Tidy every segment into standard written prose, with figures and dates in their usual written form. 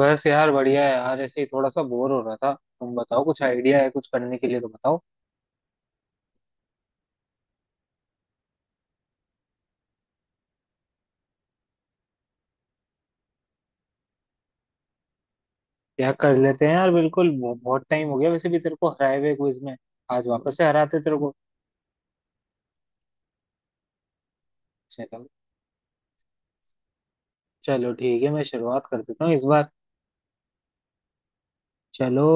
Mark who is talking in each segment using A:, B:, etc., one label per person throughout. A: बस यार बढ़िया है यार। ऐसे ही थोड़ा सा बोर हो रहा था। तुम बताओ कुछ आइडिया है कुछ करने के लिए तो बताओ। क्या कर लेते हैं यार। बिल्कुल बहुत टाइम हो गया वैसे भी तेरे को हराए हुए क्विज में। आज वापस से हराते तेरे को। चलो चलो ठीक है, मैं शुरुआत कर देता हूँ इस बार। चलो।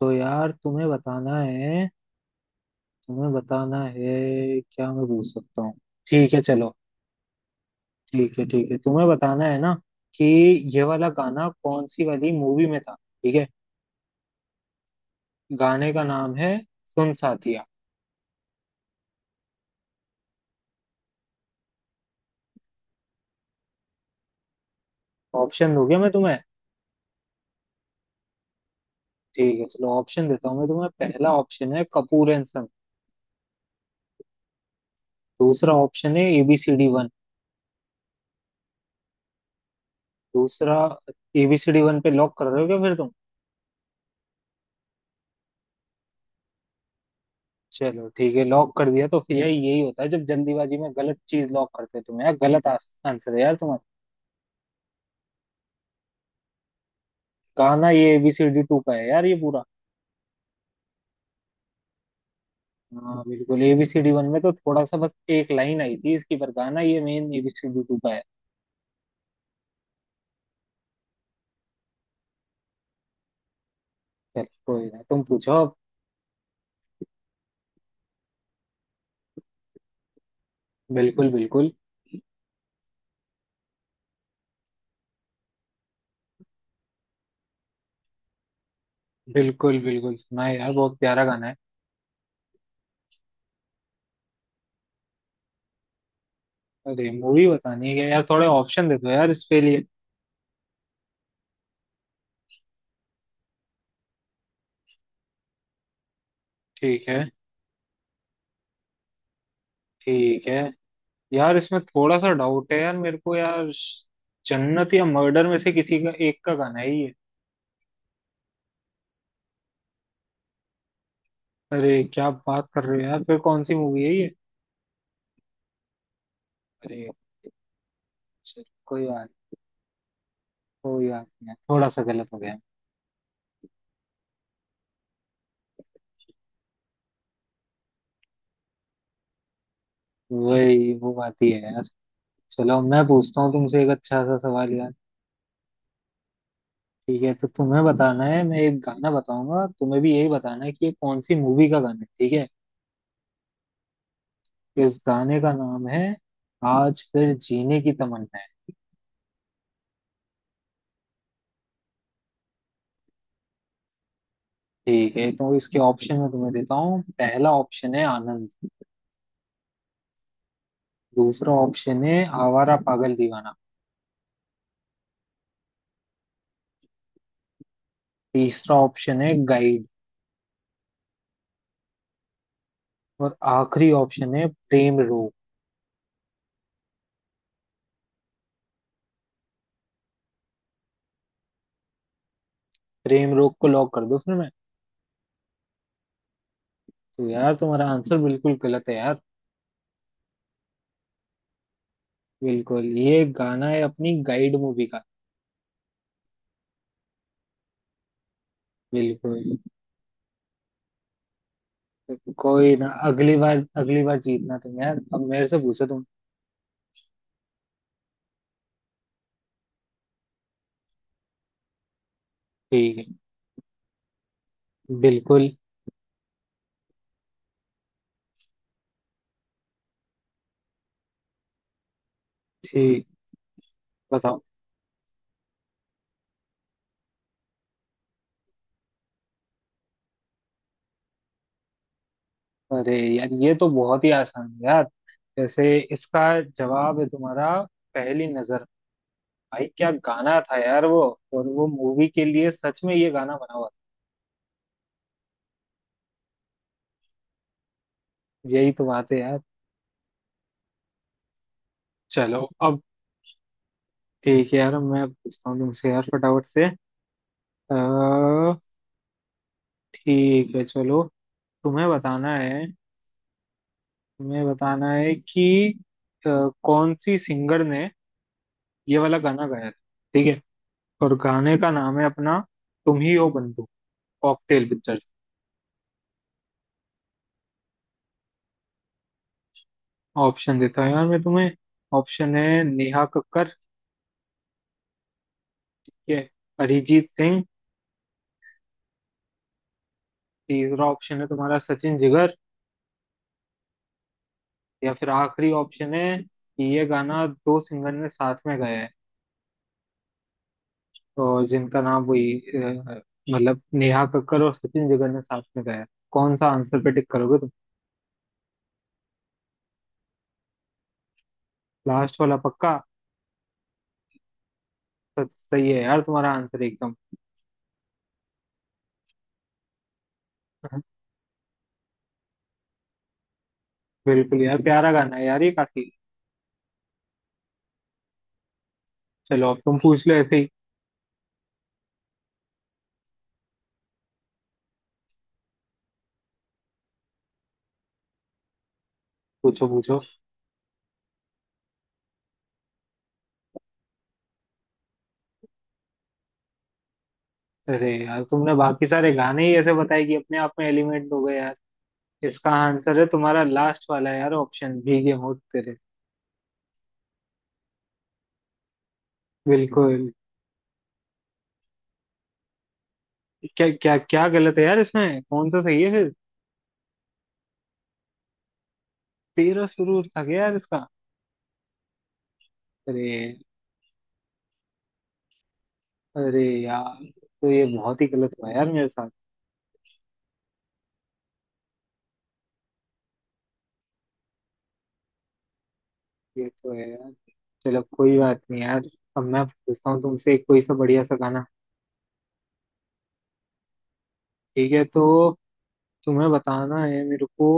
A: तो यार तुम्हें बताना है। तुम्हें बताना है क्या मैं पूछ सकता हूँ? ठीक है चलो। ठीक है ठीक है, तुम्हें बताना है ना कि ये वाला गाना कौन सी वाली मूवी में था। ठीक है। गाने का नाम है सुन साथिया। ऑप्शन दोगे मैं तुम्हें? ठीक है चलो, ऑप्शन देता हूँ मैं तुम्हें। पहला ऑप्शन है कपूर एंड संग। दूसरा ऑप्शन है एबीसीडी वन। दूसरा? एबीसीडी वन पे लॉक कर रहे हो क्या फिर तुम? चलो ठीक है, लॉक कर दिया तो फिर यार यही होता है जब जल्दीबाजी में गलत चीज लॉक करते हो तुम। यार गलत आंसर है यार तुम्हारा। गाना ये एबीसीडी टू का है यार ये पूरा। हाँ बिल्कुल, एबीसीडी वन में तो थोड़ा सा बस एक लाइन आई थी इसकी, पर गाना ये मेन एबीसीडी टू का है। चलो कोई ना, तुम पूछो अब। बिल्कुल बिल्कुल। बिल्कुल बिल्कुल सुना है यार, बहुत प्यारा गाना है। अरे मूवी बतानी है क्या यार? थोड़े ऑप्शन दे दो यार इसके लिए। ठीक है। ठीक है। यार इसमें थोड़ा सा डाउट है यार मेरे को यार। जन्नत या मर्डर में से किसी का एक का गाना है ये। अरे क्या बात कर रहे हो यार, फिर कौन सी मूवी है ये? अरे। चल, कोई बात नहीं, थोड़ा सा गलत हो गया। वही वो बात ही है यार। चलो मैं पूछता हूँ तुमसे एक अच्छा सा सवाल यार। ठीक है तो तुम्हें बताना है। मैं एक गाना बताऊंगा तुम्हें, भी यही बताना है कि ये कौन सी मूवी का गाना है, ठीक है। इस गाने का नाम है आज फिर जीने की तमन्ना है। ठीक है तो इसके ऑप्शन में तुम्हें देता हूँ। पहला ऑप्शन है आनंद। दूसरा ऑप्शन है आवारा पागल दीवाना। तीसरा ऑप्शन है गाइड। और आखिरी ऑप्शन है प्रेम रोग। प्रेम रोग को लॉक कर दो फिर मैं। तो यार तुम्हारा आंसर बिल्कुल गलत है यार। बिल्कुल ये गाना है अपनी गाइड मूवी का। बिल्कुल। कोई ना, अगली बार जीतना तुम यार। अब मेरे से पूछो तुम। ठीक है। बिल्कुल। ठीक। बताओ। अरे यार ये तो बहुत ही आसान है यार। जैसे इसका जवाब है तुम्हारा पहली नजर। भाई क्या गाना था यार वो। और वो मूवी के लिए सच में ये गाना बना हुआ था। यही तो बात है यार। चलो अब। ठीक है यार अब मैं पूछता हूँ तुमसे यार फटाफट से। अह, ठीक है चलो। तुम्हें बताना है। तुम्हें बताना है कि कौन सी सिंगर ने ये वाला गाना गाया था, ठीक है। और गाने का नाम है अपना तुम ही हो बंधु, कॉकटेल पिक्चर। ऑप्शन देता हूँ यार मैं तुम्हें। ऑप्शन है नेहा कक्कर, ठीक है। अरिजीत सिंह। तीसरा ऑप्शन है तुम्हारा सचिन जिगर। या फिर आखिरी ऑप्शन है कि ये गाना दो सिंगर ने साथ में गाया है, तो जिनका नाम वही मतलब नेहा कक्कर और सचिन जिगर ने साथ में गाया है। कौन सा आंसर पे टिक करोगे तुम? लास्ट वाला पक्का? तो सही है यार तुम्हारा आंसर एकदम। बिल्कुल यार प्यारा गाना है यार ये काफी। चलो अब तुम पूछ लो ऐसे ही। पूछो पूछो। अरे यार तुमने बाकी सारे गाने ही ऐसे बताए कि अपने आप में एलिमेंट हो गए यार। इसका आंसर है तुम्हारा लास्ट वाला यार, ऑप्शन भीगे होंठ तेरे। बिल्कुल। क्या क्या क्या गलत है यार इसमें? कौन सा सही है फिर? तेरा सुरूर था क्या यार इसका? अरे। अरे यार। तो ये बहुत ही गलत हुआ यार मेरे साथ। ये तो है यार। चलो कोई बात नहीं यार। अब मैं पूछता हूँ तुमसे एक कोई सा बढ़िया सा गाना। ठीक है तो तुम्हें बताना है मेरे को।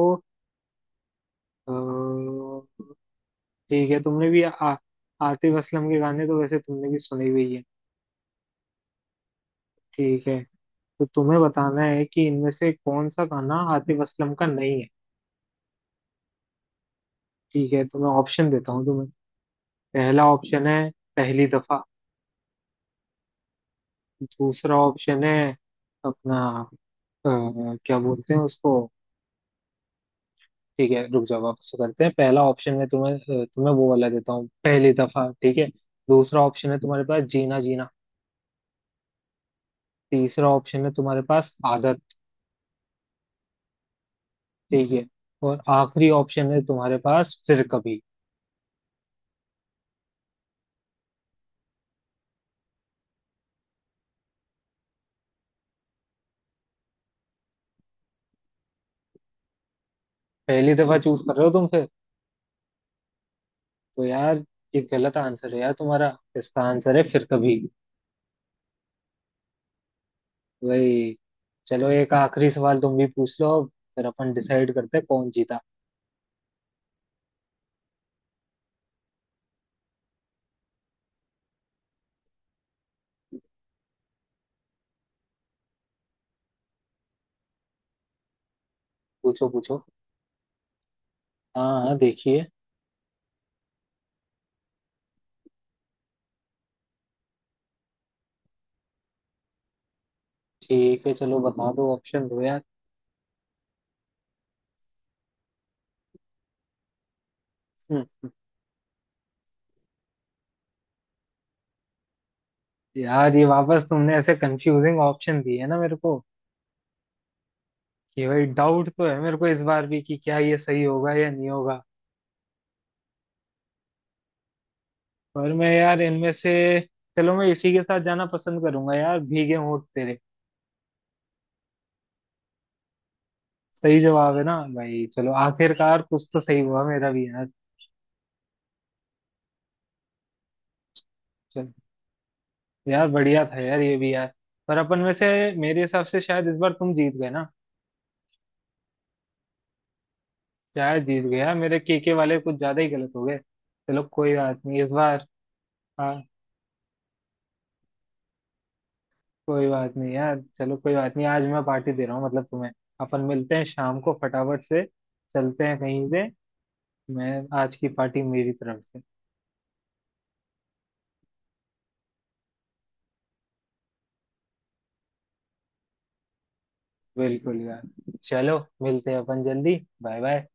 A: ठीक है। तुमने भी आतिफ असलम के गाने तो वैसे तुमने भी सुने हुए ही है। ठीक है, तो तुम्हें बताना है कि इनमें से कौन सा गाना आतिफ असलम का नहीं है। ठीक है तो मैं ऑप्शन देता हूँ तुम्हें। पहला ऑप्शन है पहली दफा। दूसरा ऑप्शन है अपना अ, क्या बोलते हैं उसको। ठीक है रुक जाओ, वापस से करते हैं। पहला ऑप्शन में तुम्हें तुम्हें वो वाला देता हूँ पहली दफा, ठीक है। दूसरा ऑप्शन है तुम्हारे पास जीना जीना। तीसरा ऑप्शन है तुम्हारे पास आदत, ठीक है। और आखिरी ऑप्शन है तुम्हारे पास फिर कभी। पहली दफा चूज कर रहे हो तुम फिर? तो यार ये गलत आंसर है यार तुम्हारा। इसका आंसर है फिर कभी। वही। चलो एक आखिरी सवाल तुम भी पूछ लो अब। फिर अपन डिसाइड करते हैं कौन जीता। पूछो पूछो। हाँ हाँ देखिए। ठीक है चलो बता दो, ऑप्शन दो यार। हम्म, हम्म। यार ये वापस तुमने ऐसे कंफ्यूजिंग ऑप्शन दिए है ना मेरे को, कि भाई डाउट तो है मेरे को इस बार भी कि क्या ये सही होगा या नहीं होगा। पर मैं यार इनमें से, चलो मैं इसी के साथ जाना पसंद करूंगा यार, भीगे होंठ तेरे। सही जवाब है ना भाई? चलो आखिरकार कुछ तो सही हुआ मेरा भी यार। चलो यार बढ़िया था यार ये भी यार। पर अपन में से मेरे हिसाब से शायद इस बार तुम जीत गए ना। शायद जीत गए यार, मेरे केके वाले कुछ ज्यादा ही गलत हो गए। चलो कोई बात नहीं इस बार। हाँ। कोई बात नहीं यार, चलो कोई बात नहीं, आज मैं पार्टी दे रहा हूँ मतलब तुम्हें। अपन मिलते हैं शाम को फटाफट से। चलते हैं कहीं से। मैं आज की पार्टी मेरी तरफ से। बिल्कुल यार। चलो मिलते हैं अपन जल्दी। Bye bye.